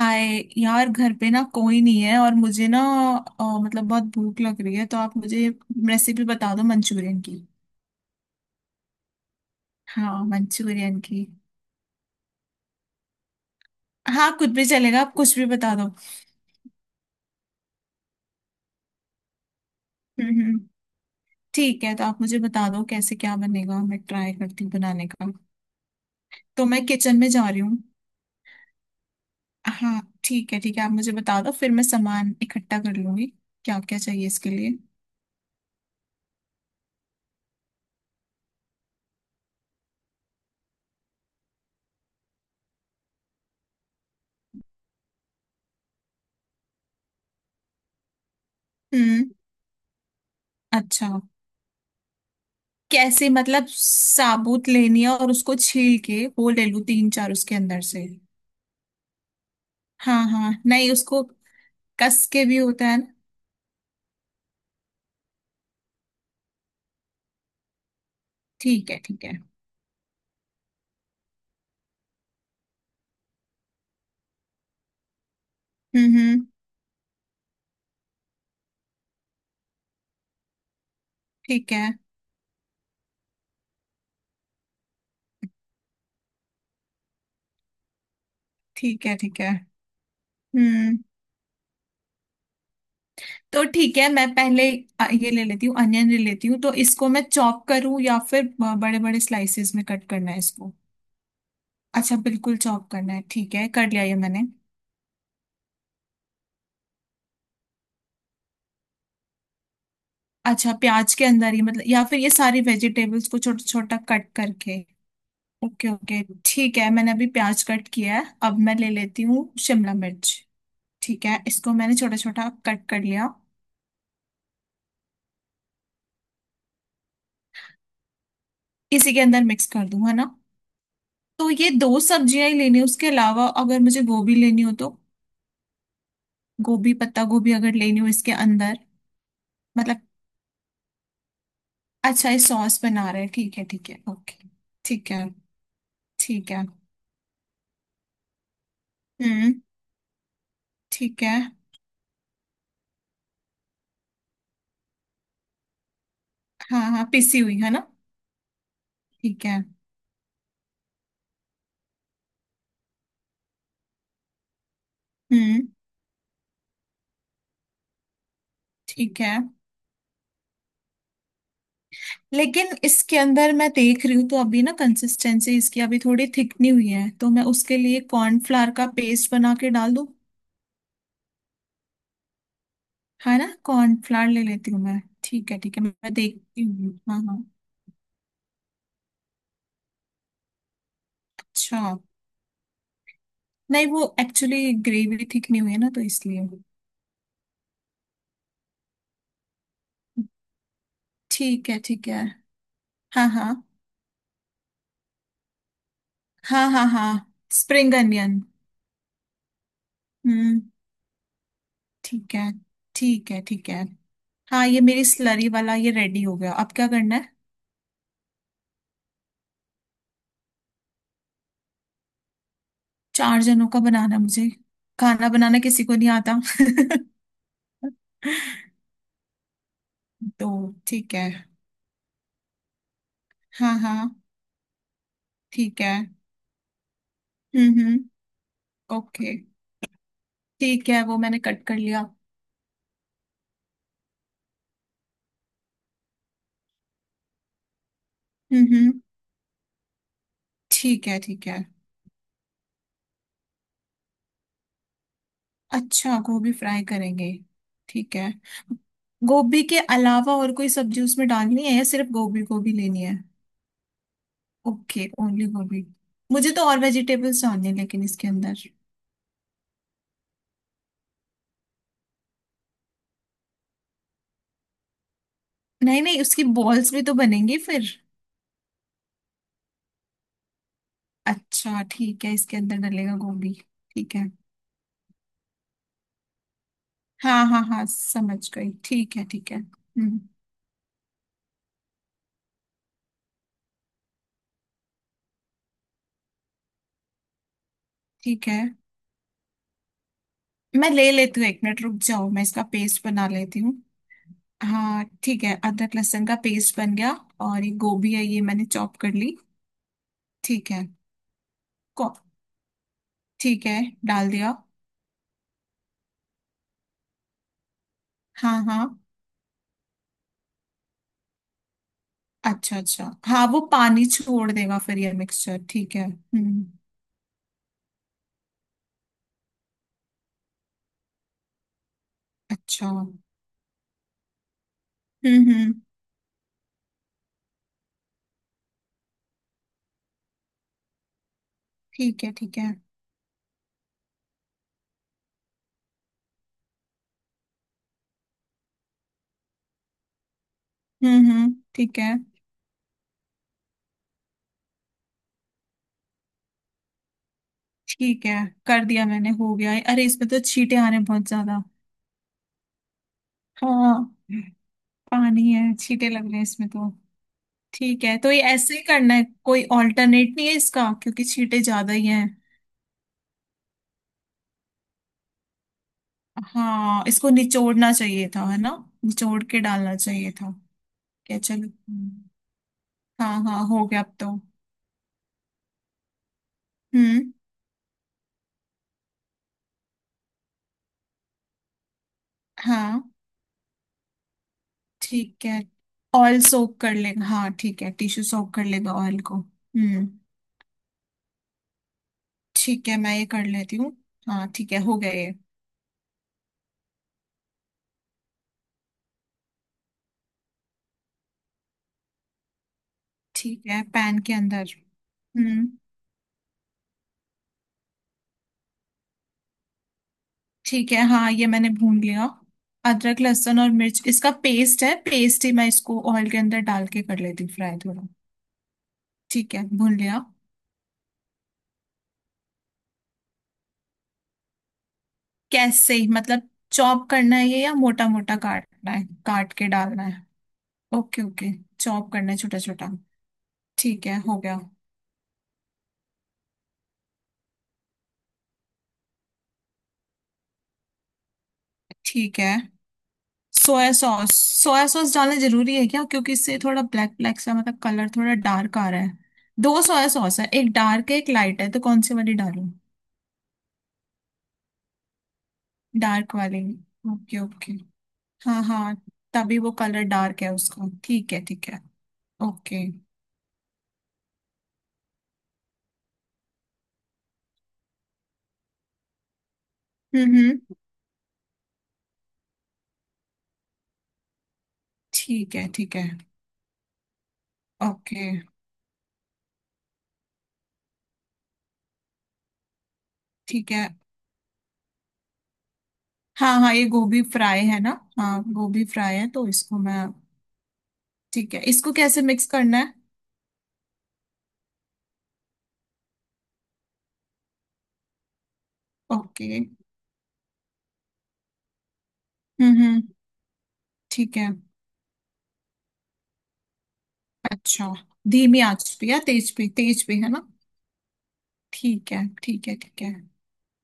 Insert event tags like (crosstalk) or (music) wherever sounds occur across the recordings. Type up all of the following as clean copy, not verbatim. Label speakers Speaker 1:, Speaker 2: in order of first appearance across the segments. Speaker 1: हाय यार, घर पे ना कोई नहीं है और मुझे ना मतलब बहुत भूख लग रही है, तो आप मुझे रेसिपी बता दो मंचूरियन की। हाँ मंचूरियन की। हाँ कुछ भी चलेगा, आप कुछ भी बता दो। हम्म, ठीक है, तो आप मुझे बता दो कैसे क्या बनेगा, मैं ट्राई करती हूँ बनाने का। तो मैं किचन में जा रही हूँ। हाँ ठीक है, ठीक है आप मुझे बता दो, फिर मैं सामान इकट्ठा कर लूंगी। क्या क्या चाहिए इसके लिए? हम्म। अच्छा, कैसे मतलब साबुत लेनी है और उसको छील के वो ले लूं तीन चार उसके अंदर से? हाँ हाँ, नहीं उसको कस के भी होता है ना। ठीक है ठीक है। हम्म, हम्म। ठीक है, ठीक है, ठीक है। हम्म। तो ठीक है, मैं पहले ये ले लेती हूँ, अनियन ले लेती हूँ, तो इसको मैं चॉप करूँ या फिर बड़े बड़े स्लाइसेस में कट करना है इसको? अच्छा, बिल्कुल चॉप करना है, ठीक है, कर लिया ये मैंने। अच्छा प्याज के अंदर ही मतलब, या फिर ये सारी वेजिटेबल्स को छोटा छोटा कट करके? ओके ओके, ठीक है, मैंने अभी प्याज कट किया है, अब मैं ले लेती हूँ शिमला मिर्च। ठीक है, इसको मैंने छोटा छोटा कट कर लिया। इसी के अंदर मिक्स कर दूँ है ना? तो ये दो सब्जियां ही लेनी है? उसके अलावा अगर मुझे गोभी लेनी हो तो? गोभी, पत्ता गोभी अगर लेनी हो इसके अंदर? मतलब? अच्छा, ये सॉस बना रहे हैं, ठीक है ओके। ठीक है ठीक है। हम्म, ठीक है। हाँ हाँ, पिसी हुई है ना? ठीक है। हम्म। ठीक है, लेकिन इसके अंदर मैं देख रही हूँ तो अभी ना, कंसिस्टेंसी इसकी अभी थोड़ी थिक नहीं हुई है, तो मैं उसके लिए कॉर्नफ्लावर का पेस्ट बना के डाल दूँ? है ना, कॉर्नफ्लावर ले लेती हूँ मैं, ठीक है ठीक है, मैं देखती हूँ, हाँ हाँ। अच्छा, नहीं वो एक्चुअली ग्रेवी थिक नहीं हुई है ना, तो इसलिए। ठीक है ठीक है। हाँ हाँ हाँ, हाँ हाँ स्प्रिंग अनियन। हम्म। ठीक है, ठीक है, ठीक है। हाँ, ये मेरी स्लरी वाला ये रेडी हो गया, अब क्या करना है? चार जनों का बनाना मुझे, खाना बनाना किसी को नहीं आता। (laughs) तो ठीक है। हाँ हाँ ठीक है। हम्म, हम्म। ओके, ठीक है वो मैंने कट कर लिया। हम्म, हम्म। ठीक है ठीक है। अच्छा, गोभी फ्राई करेंगे? ठीक है। गोभी के अलावा और कोई सब्जी उसमें डालनी है, या सिर्फ गोभी गोभी लेनी है? ओके, ओनली गोभी। मुझे तो और वेजिटेबल्स डालने हैं लेकिन इसके अंदर। नहीं नहीं, उसकी बॉल्स भी तो बनेंगी फिर। अच्छा ठीक है, इसके अंदर डलेगा गोभी। ठीक है। हाँ हाँ हाँ समझ गई, ठीक है ठीक है, हम्म। ठीक है, मैं ले लेती हूँ, एक मिनट रुक जाओ, मैं इसका पेस्ट बना लेती हूँ। हाँ ठीक है, अदरक लहसुन का पेस्ट बन गया। और ये गोभी है, ये मैंने चॉप कर ली। ठीक है। को। ठीक है, डाल दिया। हाँ हाँ। अच्छा अच्छा, हाँ वो पानी छोड़ देगा फिर ये मिक्सचर, ठीक है हम्म। अच्छा। हम्म, हम्म। ठीक है ठीक है। हम्म, हम्म। ठीक है ठीक है, कर दिया मैंने, हो गया है। अरे इसमें तो छींटे आ रहे हैं बहुत ज्यादा। हाँ पानी है, छींटे लग रहे हैं इसमें तो। ठीक है, तो ये ऐसे ही करना है? कोई ऑल्टरनेट नहीं है इसका, क्योंकि छींटे ज्यादा ही हैं। हाँ, इसको निचोड़ना चाहिए था है ना, निचोड़ के डालना चाहिए था। क्या, चलो हम्म। हाँ हाँ हो गया अब तो। हम्म। हाँ ठीक है। ऑयल सोक कर लेगा, हाँ ठीक है, टिश्यू सोक कर लेगा ऑयल को, हम्म। ठीक है, मैं ये कर लेती हूँ। हाँ ठीक है, हो गया ये। ठीक है, पैन के अंदर। हम्म। ठीक है, हाँ ये मैंने भून लिया। अदरक लहसुन और मिर्च, इसका पेस्ट है, पेस्ट ही मैं इसको ऑयल के अंदर डाल के कर लेती फ्राई थोड़ा। ठीक है, भून लिया। कैसे मतलब चॉप करना है ये, या मोटा मोटा काटना है, काट के डालना है? ओके ओके, चॉप करना है छोटा छोटा। ठीक है, हो गया। ठीक है, सोया सॉस, सोया सॉस डालना जरूरी है क्या? क्योंकि इससे थोड़ा ब्लैक ब्लैक सा मतलब कलर थोड़ा डार्क आ रहा है। दो सोया सॉस है, एक डार्क है एक लाइट है, तो कौन सी वाली डालूं? डार्क वाली, ओके ओके। हाँ हाँ, तभी वो कलर डार्क है उसका, ठीक है ओके। हम्म, हम्म। ठीक है ओके। ठीक है। हाँ हाँ, ये गोभी फ्राई है ना? हाँ गोभी फ्राई है, तो इसको मैं। ठीक है, इसको कैसे मिक्स करना है? ओके। हम्म, हम्म। ठीक है। अच्छा, धीमी आंच पे या तेज पे, तेज पे है ना? ठीक है, ठीक है, ठीक है।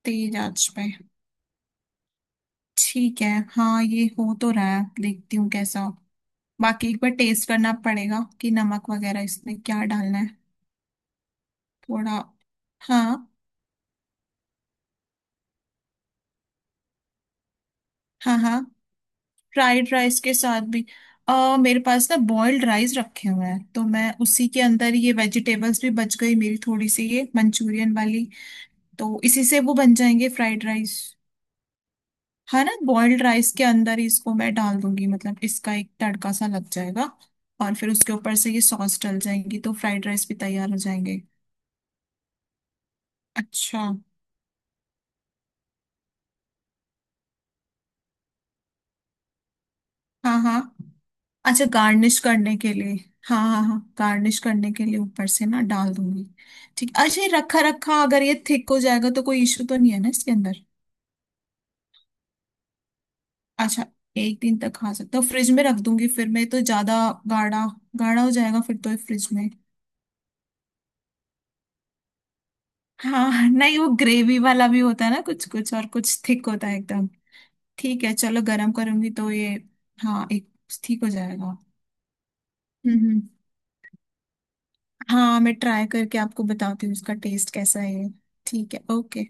Speaker 1: तेज आंच पे, ठीक है। हाँ ये हो तो रहा है, देखती हूँ कैसा हो। बाकी एक बार टेस्ट करना पड़ेगा कि नमक वगैरह इसमें क्या डालना है। थोड़ा। हाँ हाँ हाँ, फ्राइड राइस के साथ भी। मेरे पास ना बॉइल्ड राइस रखे हुए हैं, तो मैं उसी के अंदर ये वेजिटेबल्स भी बच गई मेरी थोड़ी सी ये मंचूरियन वाली। तो इसी से वो बन जाएंगे फ्राइड राइस। हाँ ना, बॉइल्ड राइस के अंदर ही इसको मैं डाल दूंगी, मतलब इसका एक तड़का सा लग जाएगा। और फिर उसके ऊपर से ये सॉस डल जाएंगी, तो फ्राइड राइस भी तैयार हो जाएंगे। अच्छा, हाँ हाँ। अच्छा, गार्निश करने के लिए? हाँ हाँ हाँ, गार्निश करने के लिए ऊपर से ना डाल दूंगी। ठीक, अच्छा, ये रखा रखा अगर ये थिक हो जाएगा तो कोई इश्यू तो नहीं है ना इसके अंदर? अच्छा, एक दिन तक खा सकते हो, फ्रिज में रख दूंगी फिर मैं, तो ज्यादा गाढ़ा, गाढ़ा हो जाएगा फिर तो फ्रिज में। हाँ, नहीं वो ग्रेवी वाला भी होता है ना कुछ कुछ, और कुछ थिक होता है एकदम। ठीक है, चलो गरम करूंगी तो ये। हाँ एक ठीक हो जाएगा। हम्म, हम्म। हाँ, मैं ट्राई करके आपको बताती हूँ उसका टेस्ट कैसा है। ठीक है, ओके।